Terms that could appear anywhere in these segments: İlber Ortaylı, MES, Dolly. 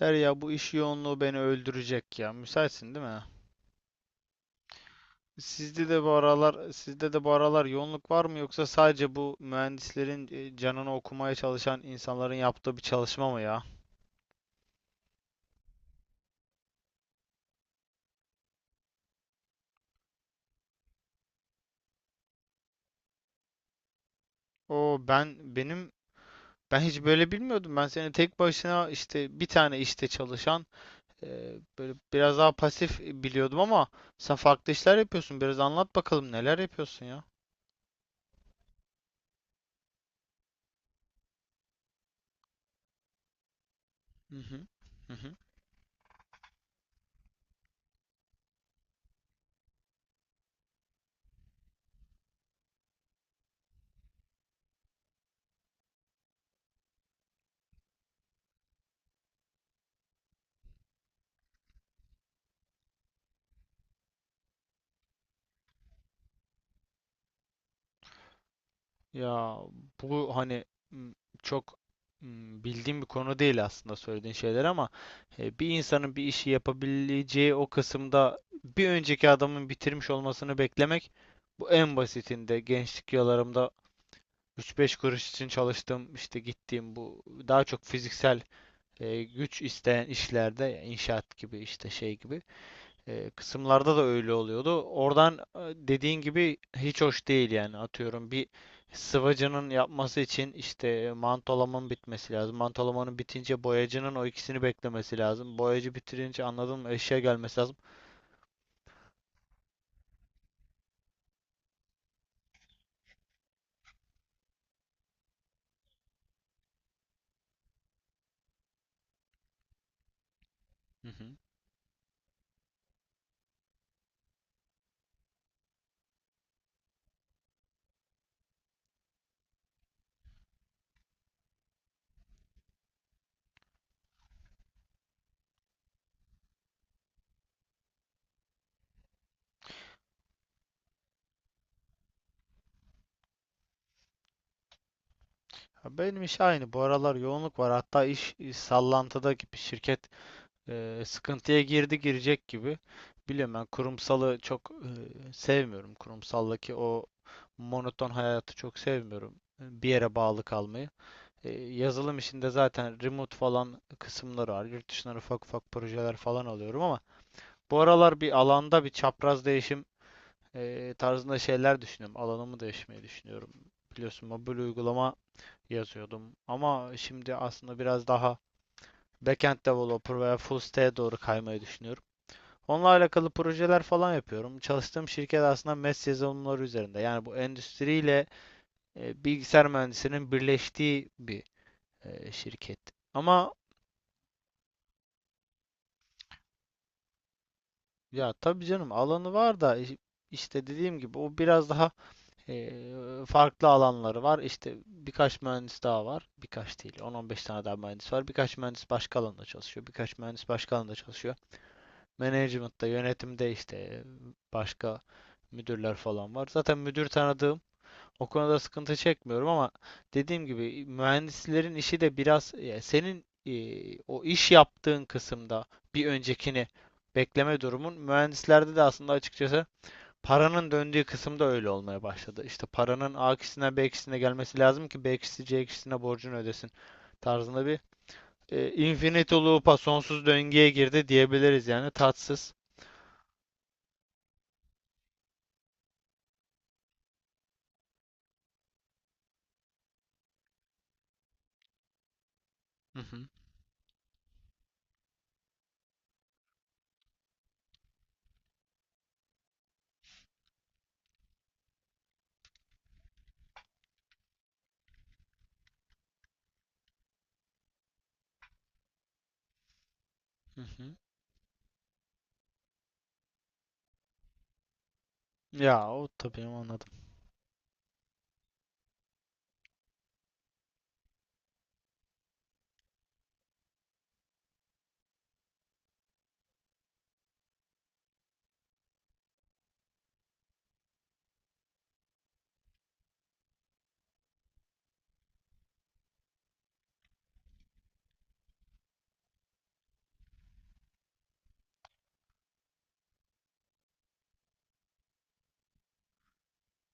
Derya bu iş yoğunluğu beni öldürecek ya. Müsaitsin değil mi? Sizde de bu aralar yoğunluk var mı, yoksa sadece bu mühendislerin canını okumaya çalışan insanların yaptığı bir çalışma mı ya? O ben benim ben hiç böyle bilmiyordum. Ben seni tek başına işte bir tane işte çalışan, böyle biraz daha pasif biliyordum ama sen farklı işler yapıyorsun. Biraz anlat bakalım neler yapıyorsun ya? Hı hı. Hı hı. Ya bu hani m, çok bildiğim bir konu değil aslında söylediğin şeyler ama bir insanın bir işi yapabileceği o kısımda bir önceki adamın bitirmiş olmasını beklemek, bu en basitinde gençlik yıllarımda üç beş kuruş için çalıştığım, işte gittiğim, bu daha çok fiziksel güç isteyen işlerde, ya inşaat gibi, işte şey gibi kısımlarda da öyle oluyordu. Oradan dediğin gibi hiç hoş değil yani. Atıyorum, bir sıvacının yapması için işte mantolamanın bitmesi lazım. Mantolamanın bitince boyacının o ikisini beklemesi lazım. Boyacı bitirince, anladın mı, eşya gelmesi lazım. Hı hı. Ya, benim iş aynı. Bu aralar yoğunluk var. Hatta iş sallantıda gibi, şirket sıkıntıya girdi, girecek gibi. Biliyorum, ben kurumsalı çok sevmiyorum. Kurumsaldaki o monoton hayatı çok sevmiyorum. Bir yere bağlı kalmayı. Yazılım işinde zaten remote falan kısımları var. Yurt dışından ufak ufak projeler falan alıyorum ama bu aralar bir alanda bir çapraz değişim tarzında şeyler düşünüyorum. Alanımı değişmeyi düşünüyorum. Biliyorsun, mobil uygulama yazıyordum ama şimdi aslında biraz daha backend developer veya full stack'e doğru kaymayı düşünüyorum. Onunla alakalı projeler falan yapıyorum. Çalıştığım şirket aslında MES yazılımları üzerinde. Yani bu endüstriyle bilgisayar mühendisinin birleştiği bir şirket. Ama ya, tabii canım, alanı var da işte dediğim gibi o biraz daha e, farklı alanları var. İşte birkaç mühendis daha var. Birkaç değil, 10-15 tane daha mühendis var. Birkaç mühendis başka alanda çalışıyor. Birkaç mühendis başka alanda çalışıyor. Management'ta, yönetimde, işte başka müdürler falan var. Zaten müdür tanıdığım, o konuda sıkıntı çekmiyorum ama dediğim gibi mühendislerin işi de biraz, ya senin o iş yaptığın kısımda bir öncekini bekleme durumun mühendislerde de aslında açıkçası paranın döndüğü kısımda öyle olmaya başladı. İşte paranın A kişisine, B kişisine gelmesi lazım ki B kişisi C kişisine borcunu ödesin tarzında bir infinite loop'a, sonsuz döngüye girdi diyebiliriz yani. Tatsız. Hı hı, hı hı. Ya, o tabii anladım.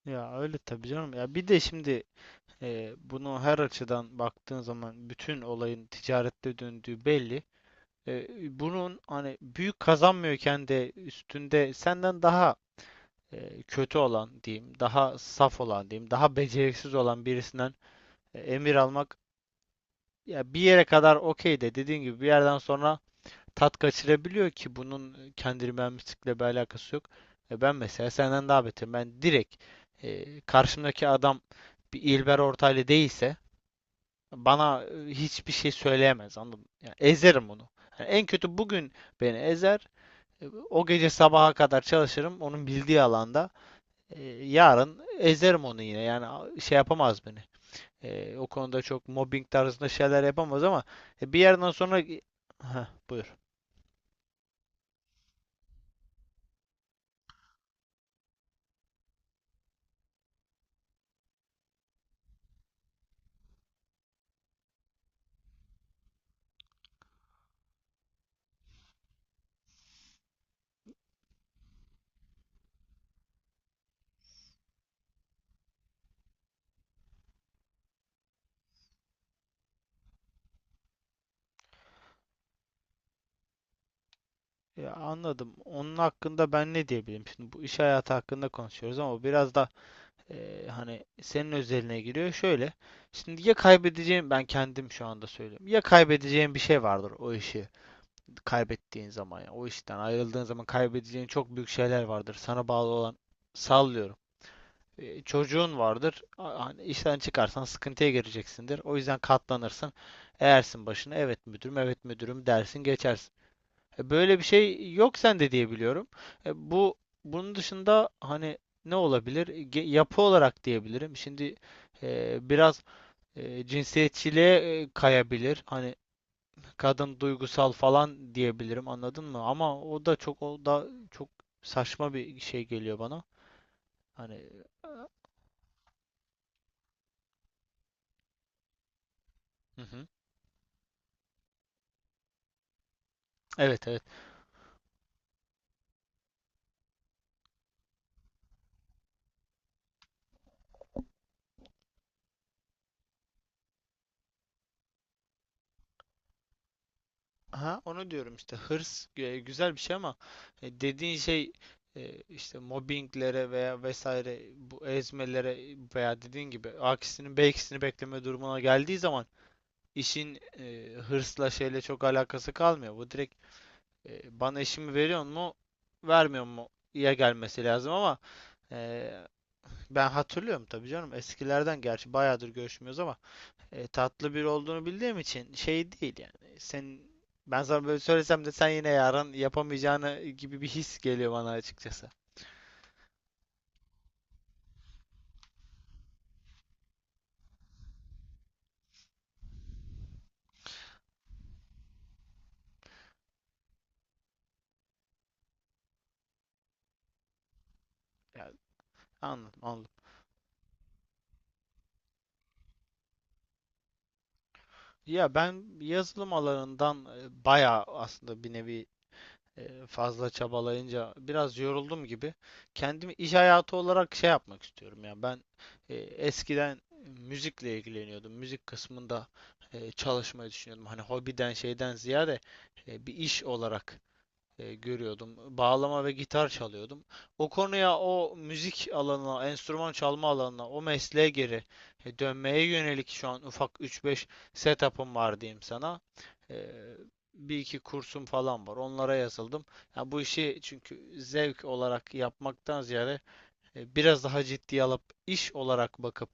Ya öyle tabii canım. Ya bir de şimdi, bunu her açıdan baktığın zaman bütün olayın ticarette döndüğü belli. E, bunun hani büyük kazanmıyorken de üstünde, senden daha kötü olan diyeyim, daha saf olan diyeyim, daha beceriksiz olan birisinden emir almak, ya bir yere kadar okey de dediğin gibi bir yerden sonra tat kaçırabiliyor ki bunun kendini mühendislikle bir alakası yok. Ben mesela senden daha beterim. Ben direkt, karşımdaki adam bir İlber Ortaylı değilse bana hiçbir şey söyleyemez, anladın mı? Yani ezerim onu. Yani en kötü bugün beni ezer. O gece sabaha kadar çalışırım onun bildiği alanda. Yarın ezerim onu yine. Yani şey yapamaz beni. O konuda çok mobbing tarzında şeyler yapamaz ama bir yerden sonra, heh, buyur. Ya anladım. Onun hakkında ben ne diyebilirim? Şimdi bu iş hayatı hakkında konuşuyoruz ama biraz da hani senin özeline giriyor. Şöyle. Şimdi ya, kaybedeceğim ben, kendim şu anda söylüyorum. Ya kaybedeceğin bir şey vardır o işi kaybettiğin zaman. Yani o işten ayrıldığın zaman kaybedeceğin çok büyük şeyler vardır. Sana bağlı olan, sallıyorum, Çocuğun vardır. Hani işten çıkarsan sıkıntıya gireceksindir. O yüzden katlanırsın. Eğersin başına, evet müdürüm, evet müdürüm dersin, geçersin. Böyle bir şey yok sende diye biliyorum. E, bu bunun dışında, hani ne olabilir? Yapı olarak diyebilirim. Şimdi biraz cinsiyetçiliğe kayabilir. Hani kadın duygusal falan diyebilirim. Anladın mı? Ama o da çok saçma bir şey geliyor bana. Hani hı hı. Evet, evet. Aha, onu diyorum işte, hırs güzel bir şey ama dediğin şey, işte mobbinglere veya vesaire, bu ezmelere veya dediğin gibi A'kisinin B'kisini bekleme durumuna geldiği zaman işin hırsla, şeyle çok alakası kalmıyor. Bu direkt, bana işimi veriyor mu vermiyor mu, ya gelmesi lazım ama. e, Ben hatırlıyorum tabii canım, eskilerden, gerçi bayağıdır görüşmüyoruz ama tatlı biri olduğunu bildiğim için şey değil yani. Ben sana böyle söylesem de sen yine yarın yapamayacağını gibi bir his geliyor bana açıkçası. Yani anladım, anladım. Ya ben yazılım alanından bayağı, aslında bir nevi fazla çabalayınca biraz yoruldum gibi. Kendimi iş hayatı olarak şey yapmak istiyorum ya. Ben eskiden müzikle ilgileniyordum. Müzik kısmında çalışmayı düşünüyordum. Hani hobiden, şeyden ziyade bir iş olarak görüyordum. Bağlama ve gitar çalıyordum. O konuya, o müzik alanına, enstrüman çalma alanına, o mesleğe geri dönmeye yönelik şu an ufak üç beş setup'ım var diyeyim sana. E, bir iki kursum falan var. Onlara yazıldım. Ya bu işi, çünkü zevk olarak yapmaktan ziyade biraz daha ciddiye alıp iş olarak bakıp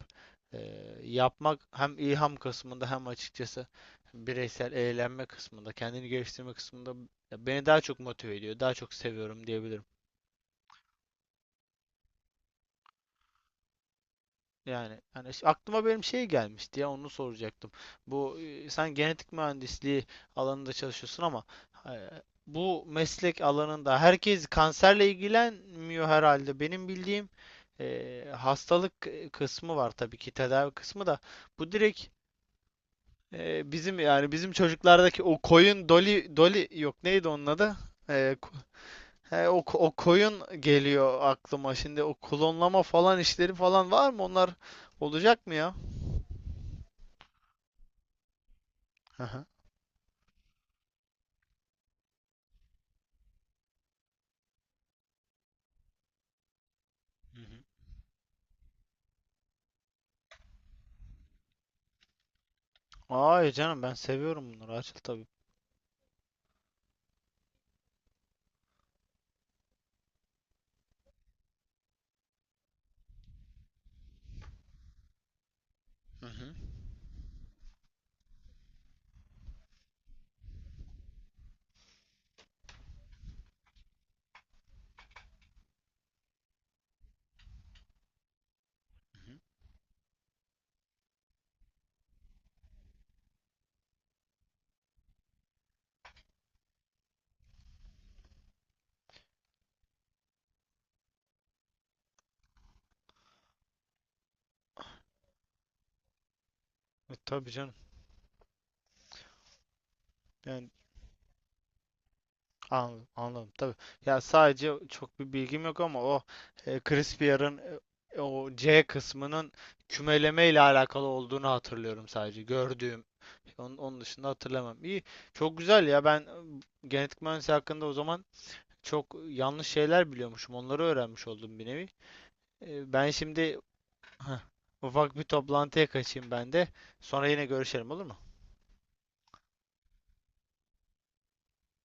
e, yapmak, hem ilham kısmında, hem açıkçası bireysel eğlenme kısmında, kendini geliştirme kısmında beni daha çok motive ediyor, daha çok seviyorum diyebilirim. Yani, yani işte aklıma benim şey gelmişti ya, onu soracaktım. Bu sen genetik mühendisliği alanında çalışıyorsun ama e, bu meslek alanında herkes kanserle ilgilenmiyor herhalde. Benim bildiğim hastalık kısmı var tabii ki, tedavi kısmı da. Bu direkt, bizim, yani bizim çocuklardaki o koyun doli doli, yok neydi onun adı? E, ko- he, o koyun geliyor aklıma şimdi, o klonlama falan işleri falan var mı, onlar olacak mı ya? Hı hı. Hı hı. Hayır canım, ben seviyorum bunları, açıl tabii. Hı hı. Tabii canım. Yani anladım, anladım tabii. Ya sadece çok bir bilgim yok ama o Crispier'ın o C kısmının kümeleme ile alakalı olduğunu hatırlıyorum sadece gördüğüm. Onun dışında hatırlamam. İyi. Çok güzel ya. Ben genetik mühendisliği hakkında o zaman çok yanlış şeyler biliyormuşum. Onları öğrenmiş oldum bir nevi. E, ben şimdi Heh, ufak bir toplantıya kaçayım ben de. Sonra yine görüşelim olur mu?